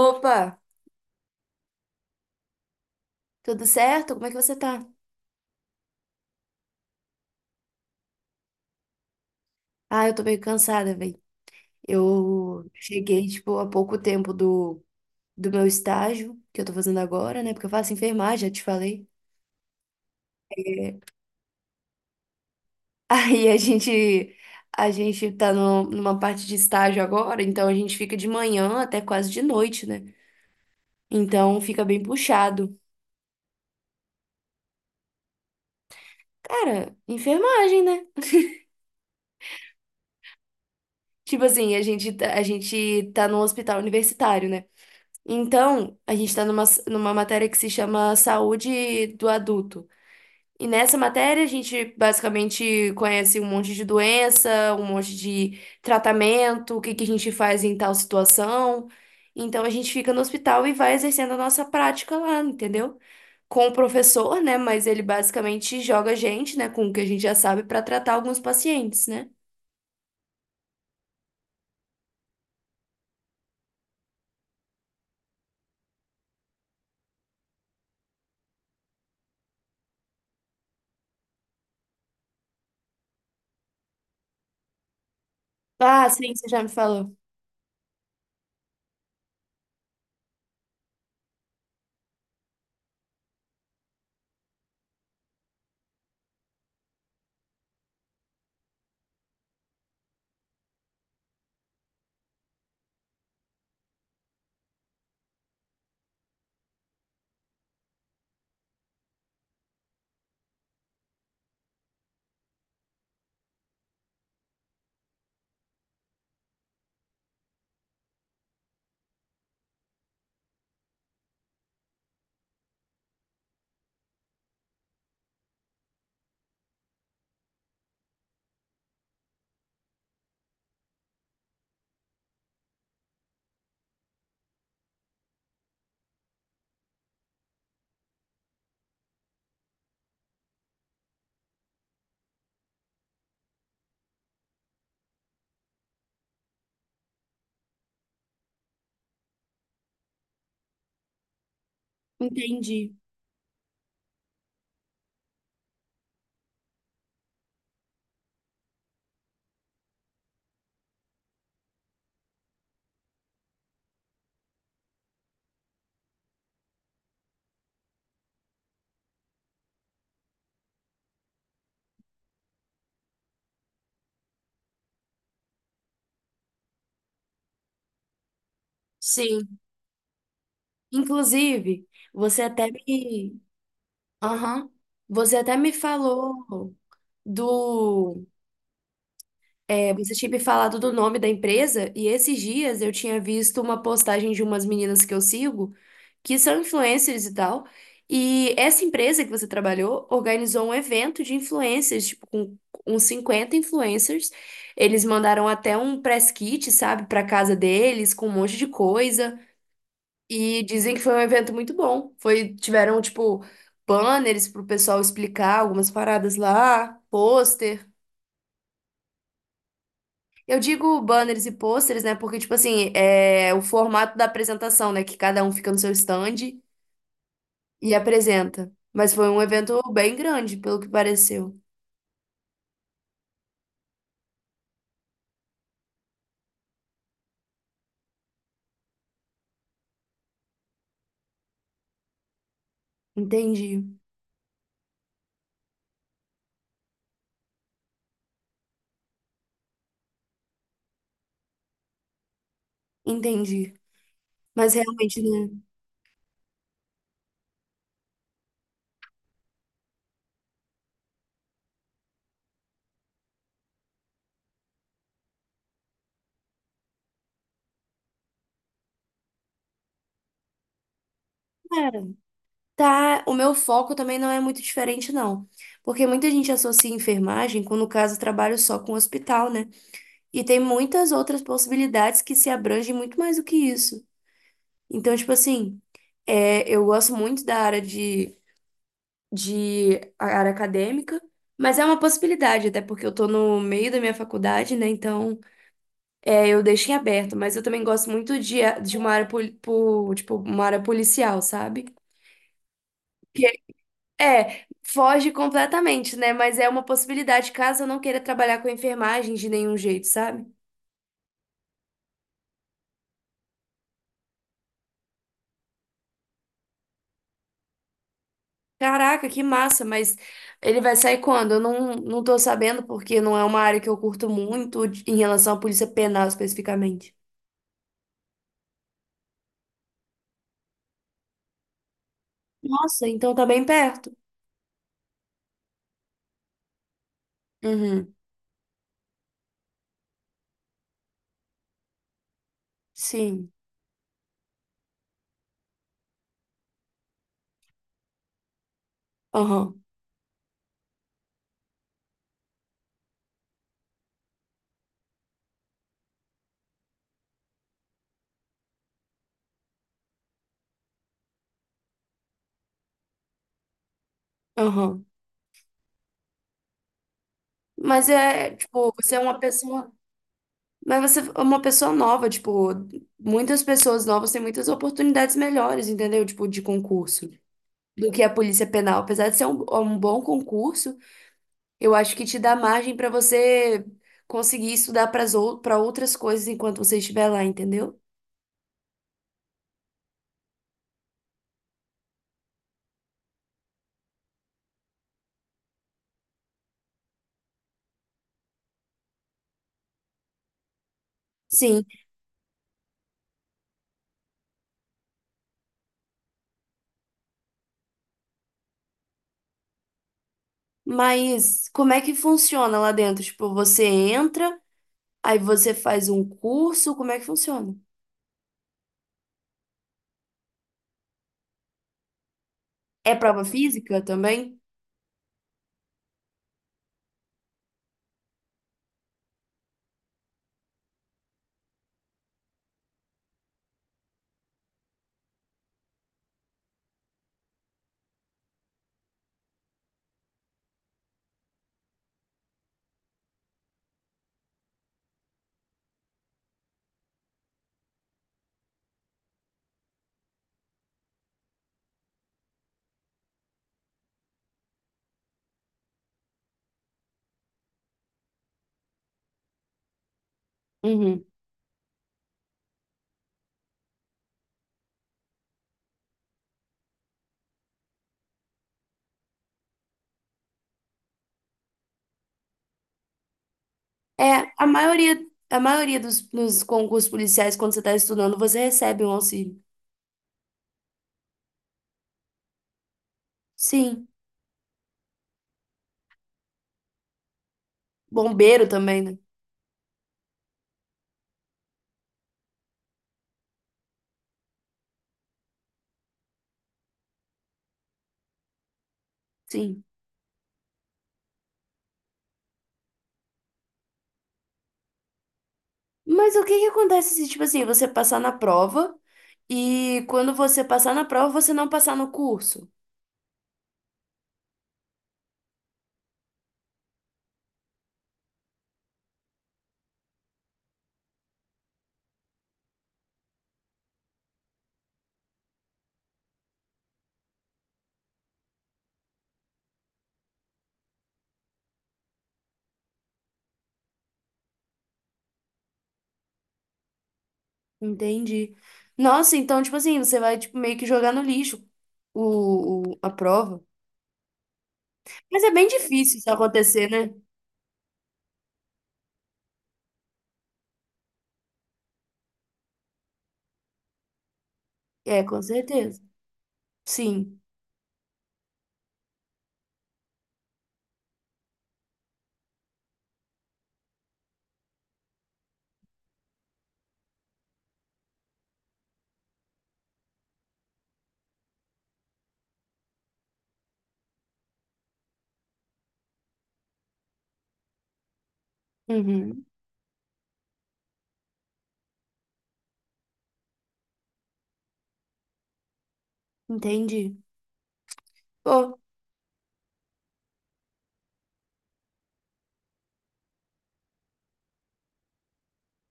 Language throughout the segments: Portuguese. Opa, tudo certo? Como é que você tá? Ah, eu tô meio cansada, velho. Eu cheguei, tipo, há pouco tempo do, meu estágio, que eu tô fazendo agora, né? Porque eu faço enfermagem, já te falei. Aí a gente tá no, numa parte de estágio agora, então a gente fica de manhã até quase de noite, né? Então fica bem puxado. Cara, enfermagem, né? Tipo assim, a gente tá num hospital universitário, né? Então, a gente está numa matéria que se chama Saúde do Adulto. E nessa matéria, a gente basicamente conhece um monte de doença, um monte de tratamento, o que que a gente faz em tal situação. Então, a gente fica no hospital e vai exercendo a nossa prática lá, entendeu? Com o professor, né? Mas ele basicamente joga a gente, né, com o que a gente já sabe, para tratar alguns pacientes, né? Ah, sim, você já me falou. Entendi. Sim. Inclusive, você até me. Aham. Você até me falou do. É, você tinha me falado do nome da empresa, e esses dias eu tinha visto uma postagem de umas meninas que eu sigo, que são influencers e tal. E essa empresa que você trabalhou organizou um evento de influencers, tipo, com uns 50 influencers. Eles mandaram até um press kit, sabe, para casa deles, com um monte de coisa. E dizem que foi um evento muito bom. Foi, tiveram, tipo, banners pro pessoal explicar algumas paradas lá, pôster. Eu digo banners e pôsteres, né? Porque, tipo assim, é o formato da apresentação, né? Que cada um fica no seu stand e apresenta. Mas foi um evento bem grande, pelo que pareceu. Entendi, entendi. Mas realmente, né? Cara, tá. O meu foco também não é muito diferente, não. Porque muita gente associa enfermagem, quando no caso eu trabalho só com hospital, né? E tem muitas outras possibilidades que se abrangem muito mais do que isso. Então, tipo assim, eu gosto muito de a área acadêmica, mas é uma possibilidade, até porque eu tô no meio da minha faculdade, né? Então, eu deixei aberto, mas eu também gosto muito de uma área, tipo, uma área policial, sabe? Que foge completamente, né? Mas é uma possibilidade caso eu não queira trabalhar com enfermagem de nenhum jeito, sabe? Caraca, que massa, mas ele vai sair quando? Eu não tô sabendo, porque não é uma área que eu curto muito em relação à polícia penal especificamente. Nossa, então tá bem perto. Uhum, sim. Aham, aham. Mas é, tipo, você é uma pessoa. Mas você é uma pessoa nova, tipo, muitas pessoas novas têm muitas oportunidades melhores, entendeu? Tipo, de concurso, do que a polícia penal. Apesar de ser um bom concurso. Eu acho que te dá margem para você conseguir estudar para outras coisas enquanto você estiver lá, entendeu? Sim, mas como é que funciona lá dentro? Tipo, você entra, aí você faz um curso, como é que funciona? É prova física também? Uhum. É, a maioria dos concursos policiais, quando você está estudando, você recebe um auxílio. Sim. Bombeiro também, né? Sim. Mas o que que acontece se, tipo assim, você passar na prova e quando você passar na prova, você não passar no curso? Entendi. Nossa, então, tipo assim, você vai, tipo, meio que jogar no lixo a prova. Mas é bem difícil isso acontecer, né? É, com certeza. Sim. Uhum. Entendi. Pô.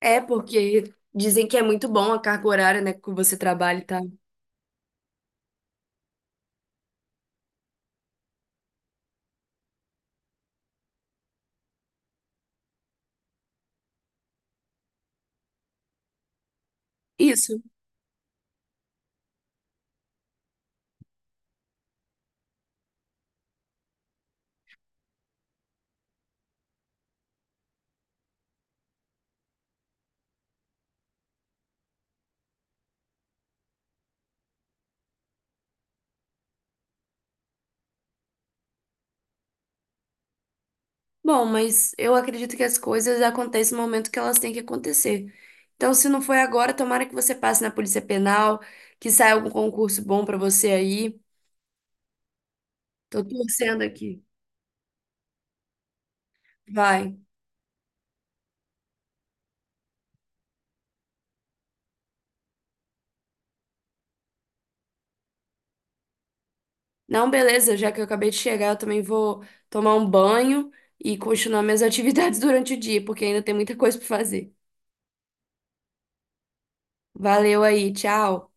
É, porque dizem que é muito bom a carga horária, né, que você trabalha e tal. Isso. Bom, mas eu acredito que as coisas acontecem no momento que elas têm que acontecer. Então, se não foi agora, tomara que você passe na Polícia Penal, que saia algum concurso bom pra você aí. Tô torcendo aqui. Vai. Não, beleza, já que eu acabei de chegar, eu também vou tomar um banho e continuar minhas atividades durante o dia, porque ainda tem muita coisa pra fazer. Valeu aí, tchau.